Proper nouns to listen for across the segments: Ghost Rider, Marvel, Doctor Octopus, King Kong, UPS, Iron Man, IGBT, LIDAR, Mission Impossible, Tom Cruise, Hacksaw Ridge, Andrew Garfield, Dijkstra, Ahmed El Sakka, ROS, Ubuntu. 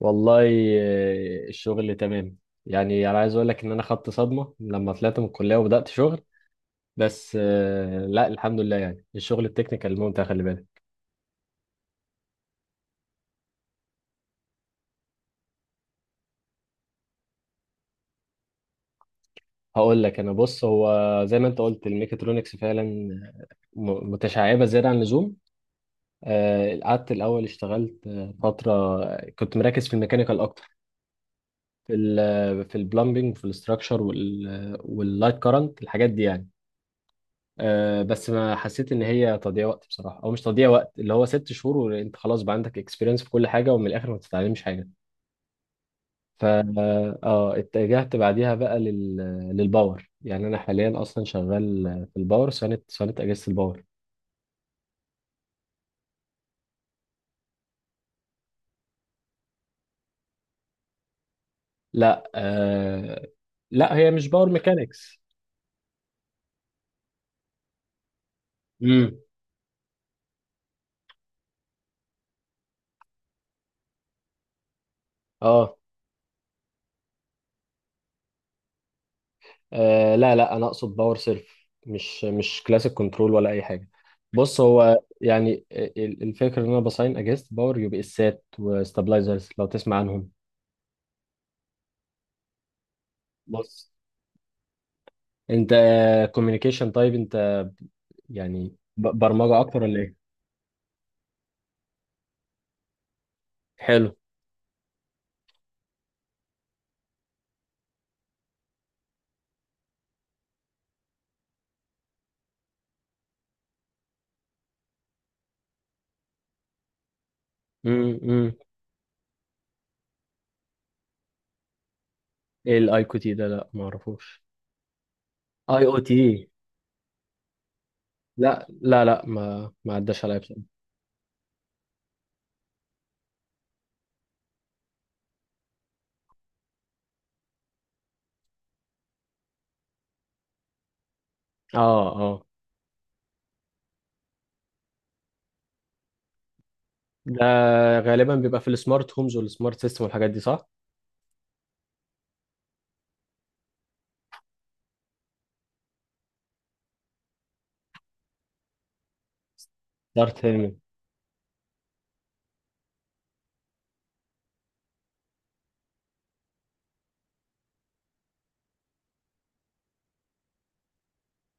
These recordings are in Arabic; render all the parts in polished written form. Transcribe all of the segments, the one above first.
والله الشغل تمام. يعني انا عايز اقول لك ان انا خدت صدمه لما طلعت من الكليه وبدات شغل. بس لا الحمد لله، يعني الشغل التكنيكال ممتع، خلي بالك. هقول لك انا، بص، هو زي ما انت قلت الميكاترونكس فعلا، متشعبه زياده عن اللزوم. قعدت الاول اشتغلت فتره، كنت مركز في الميكانيكال اكتر، في البلمبنج وفي الاستراكشر واللايت كارنت، الحاجات دي يعني. أه، بس ما حسيت ان هي تضييع وقت بصراحه، او مش تضييع وقت، اللي هو ست شهور وانت خلاص بقى عندك اكسبيرينس في كل حاجه، ومن الاخر ما بتتعلمش حاجه. ف اه اتجهت بعديها بقى للباور، يعني انا حاليا اصلا شغال في الباور، صيانه اجهزه الباور. لا لا هي مش باور ميكانيكس. امم. اه. آه، لا انا اقصد باور سيرف، مش كلاسيك كنترول ولا اي حاجه. بص، هو يعني الفكره ان انا بصين اجهزه باور، يو بي اسات وستابلايزرز، لو تسمع عنهم. بص، انت كوميونيكيشن، طيب انت يعني برمجه اكتر ولا ايه؟ حلو. امم، امم. ايه الاي كيو تي ده؟ لا ما اعرفوش. اي او تي؟ لا ما عداش عليا بصراحه. اه اه. ده غالبا بيبقى في السمارت هومز والسمارت سيستم والحاجات دي، صح؟ سمارت.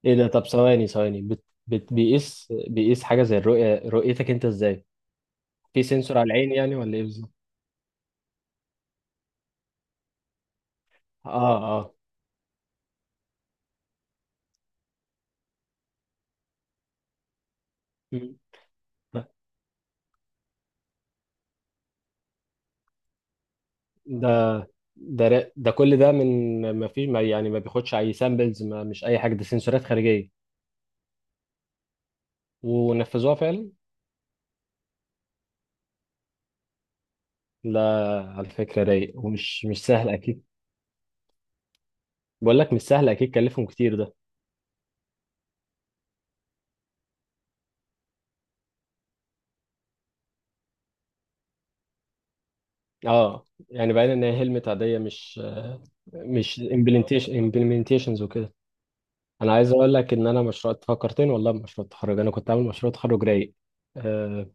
ايه ده؟ طب ثواني، بيقيس حاجه زي الرؤيه، رؤيتك انت ازاي؟ في سنسور على العين يعني ولا ايه بالظبط؟ اه اه. مم. ده ده كل ده من... ما فيش، ما يعني ما بياخدش اي سامبلز، ما مش اي حاجه، ده سنسورات خارجيه. ونفذوها فعلا. لا، على فكره رايق، ومش مش سهل اكيد. بقول لك مش سهل اكيد، كلفهم كتير ده. اه، يعني باين ان هي هلمت عاديه، مش امبلمنتيشن، امبلمنتيشنز وكده. انا عايز اقول لك ان انا مشروع، فكرتني والله بمشروع التخرج، انا كنت عامل مشروع تخرج رايق. أه.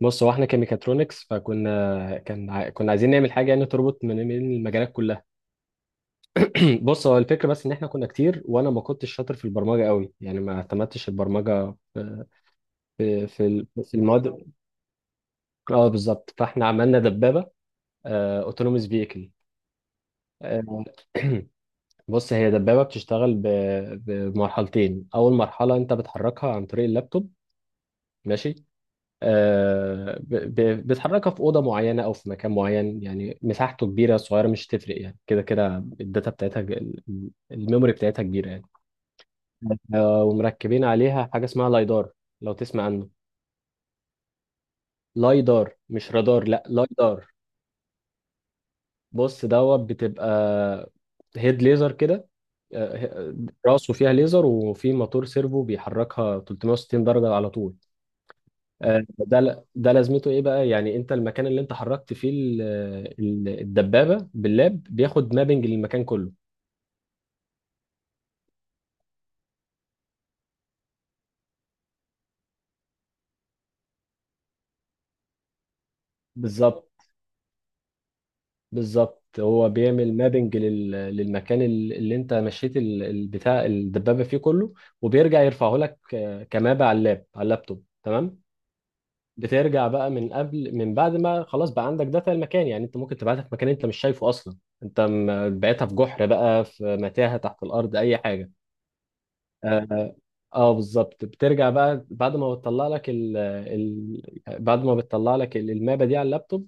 بص، هو احنا كميكاترونكس، فكنا كنا عايزين نعمل حاجه يعني تربط من المجالات كلها. بص، هو الفكره بس ان احنا كنا كتير، وانا ما كنتش شاطر في البرمجه قوي، يعني ما اعتمدتش البرمجه في في المواد. اه بالظبط، فاحنا عملنا دبابه اوتونوموس فيكل. بص، هي دبابه بتشتغل بمرحلتين، اول مرحله انت بتحركها عن طريق اللابتوب، ماشي. آه، ب- بتحركها في اوضه معينه او في مكان معين، يعني مساحته كبيره صغيره مش تفرق، يعني كده كده الداتا بتاعتها، الميموري بتاعتها كبيره يعني. ومركبين عليها حاجه اسمها لايدار، لو تسمع عنه. لايدار، مش رادار، لا لايدار. بص، دوت بتبقى هيد ليزر كده. آه، راسه فيها ليزر، وفي موتور سيرفو بيحركها 360 درجه على طول. ده لازمته ايه بقى؟ يعني انت المكان اللي انت حركت فيه الدبابه باللاب، بياخد مابنج للمكان كله. بالظبط. هو بيعمل مابنج للمكان، اللي انت مشيت بتاع الدبابه فيه كله. وبيرجع يرفعه لك كمابة على اللاب على اللابتوب، تمام. بترجع بقى من قبل، من بعد ما خلاص بقى عندك داتا المكان، يعني انت ممكن تبعتها في مكان انت مش شايفه اصلا، انت بعتها في جحر بقى، في متاهه تحت الارض، اي حاجه. اه. بالظبط. بترجع بقى بعد ما بتطلع لك بعد ما بتطلع لك المابة دي على اللابتوب.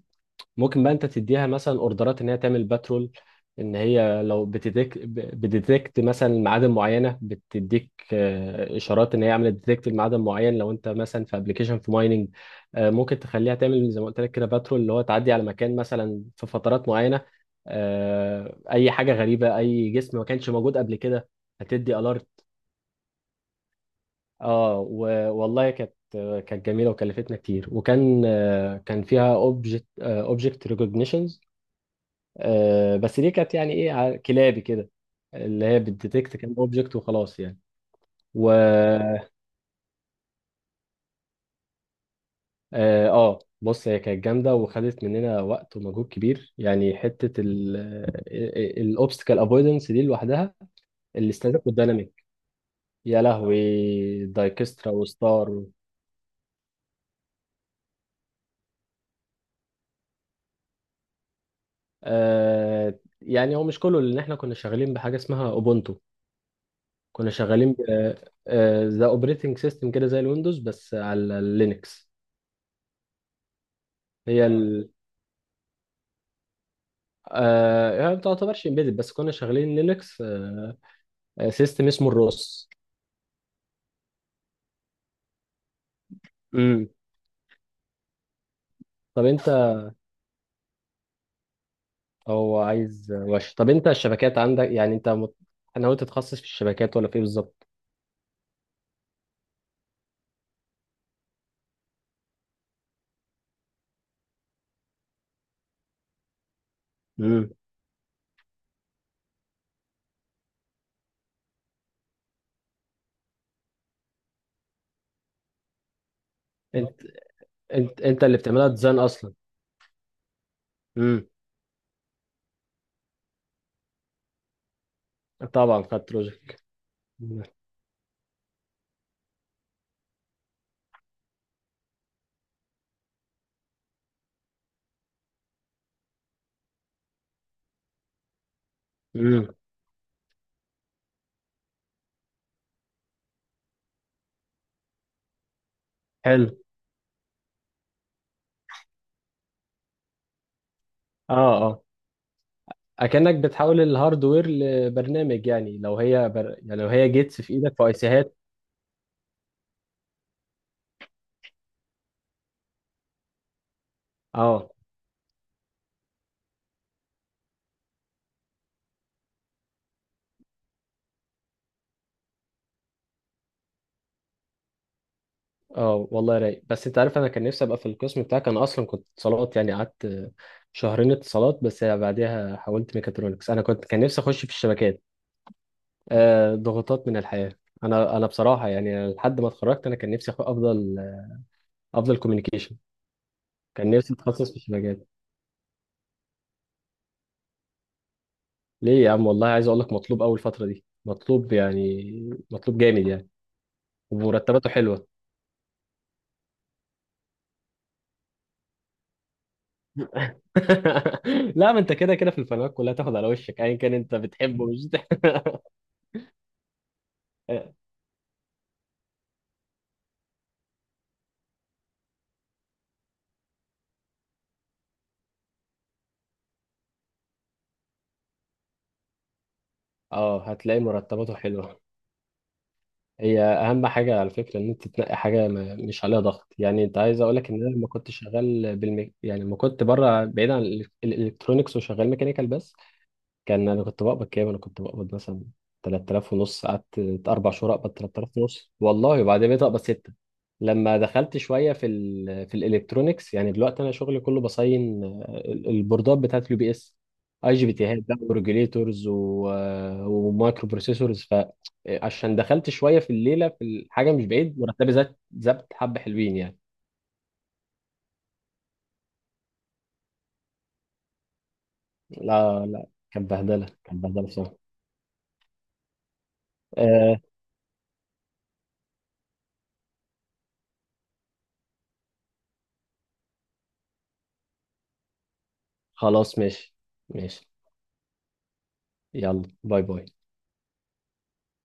ممكن بقى انت تديها مثلا اوردرات ان هي تعمل باترول، ان هي لو بتديك بتديتكت مثلا معادن معينه، بتديك اشارات ان هي عملت ديتكت لمعدن معين لو انت مثلا في ابلكيشن في مايننج. ممكن تخليها تعمل زي ما قلت لك كده باترول، اللي هو تعدي على مكان مثلا في فترات معينه، اي حاجه غريبه، اي جسم ما كانش موجود قبل كده، هتدي الارت. اه، والله كانت، كانت جميله وكلفتنا كتير، وكان كان فيها اوبجكت ريكوجنيشنز، بس دي كانت يعني ايه كلابي كده، اللي هي بتديتكت كام اوبجكت وخلاص يعني. و اه. بص هي كانت جامده وخدت مننا وقت ومجهود كبير، يعني حته الاوبستكل افويدنس دي لوحدها، الاستاتيك والديناميك، يا لهوي، دايكسترا وستار. يعني هو مش كله، لان احنا كنا شغالين بحاجه اسمها اوبونتو، كنا شغالين ذا اوبريتنج سيستم كده زي الويندوز بس على اللينكس. هي اه ال. آه، يعني ما تعتبرش امبيدد، بس كنا شغالين لينكس، آه سيستم اسمه الروس. امم. طب انت، او عايز، ماشي، طب انت الشبكات عندك، يعني انت ناوي تتخصص في الشبكات ولا في ايه بالظبط؟ امم. انت، انت اللي بتعملها ديزاين اصلا؟ امم. طبعا خدت بروجكت. امم. حلو. اه. اكنك بتحول الهاردوير لبرنامج، يعني لو هي يعني لو هي جيتس في ايدك في اي سيهات. اه. اه والله رايق. بس انت عارف انا كان نفسي ابقى في القسم بتاعك، انا اصلا كنت اتصالات، يعني قعدت شهرين اتصالات بس بعدها حولت ميكاترونكس، انا كنت كان نفسي اخش في الشبكات. آه، ضغوطات من الحياه. انا بصراحه يعني، أنا لحد ما اتخرجت انا كان نفسي افضل، افضل كوميونيكيشن. كان نفسي اتخصص في الشبكات. ليه يا عم؟ والله عايز اقول لك مطلوب، اول فتره دي مطلوب، يعني مطلوب جامد يعني، ومرتباته حلوه. لا، ما انت كده كده في الفنادق كلها تاخد على وشك ايا كان انت بتحبه، مش اه هتلاقي مرتباته حلوه. هي اهم حاجه على فكره ان انت تنقي حاجه ما مش عليها ضغط، يعني انت عايز اقول لك ان انا لما كنت شغال يعني لما كنت بره بعيد عن الالكترونكس وشغال ميكانيكال بس، كان انا كنت بقبض كام؟ انا كنت بقبض مثلا 3000 ونص، قعدت اربع شهور اقبض 3000 ونص والله، وبعدين بقيت اقبض ستة. لما دخلت شويه في الالكترونيكس، يعني دلوقتي انا شغلي كله بصين البوردات بتاعت اليو بي اس، اي جي بي تي هات بقى وريجوليتورز ومايكرو بروسيسورز، فعشان دخلت شويه في الليله في الحاجه مش بعيد مرتبي زاد، حبه حلوين يعني. لا كانت بهدله، كانت بهدله بصراحه. آه. خلاص ماشي. ماشي. يلا باي باي.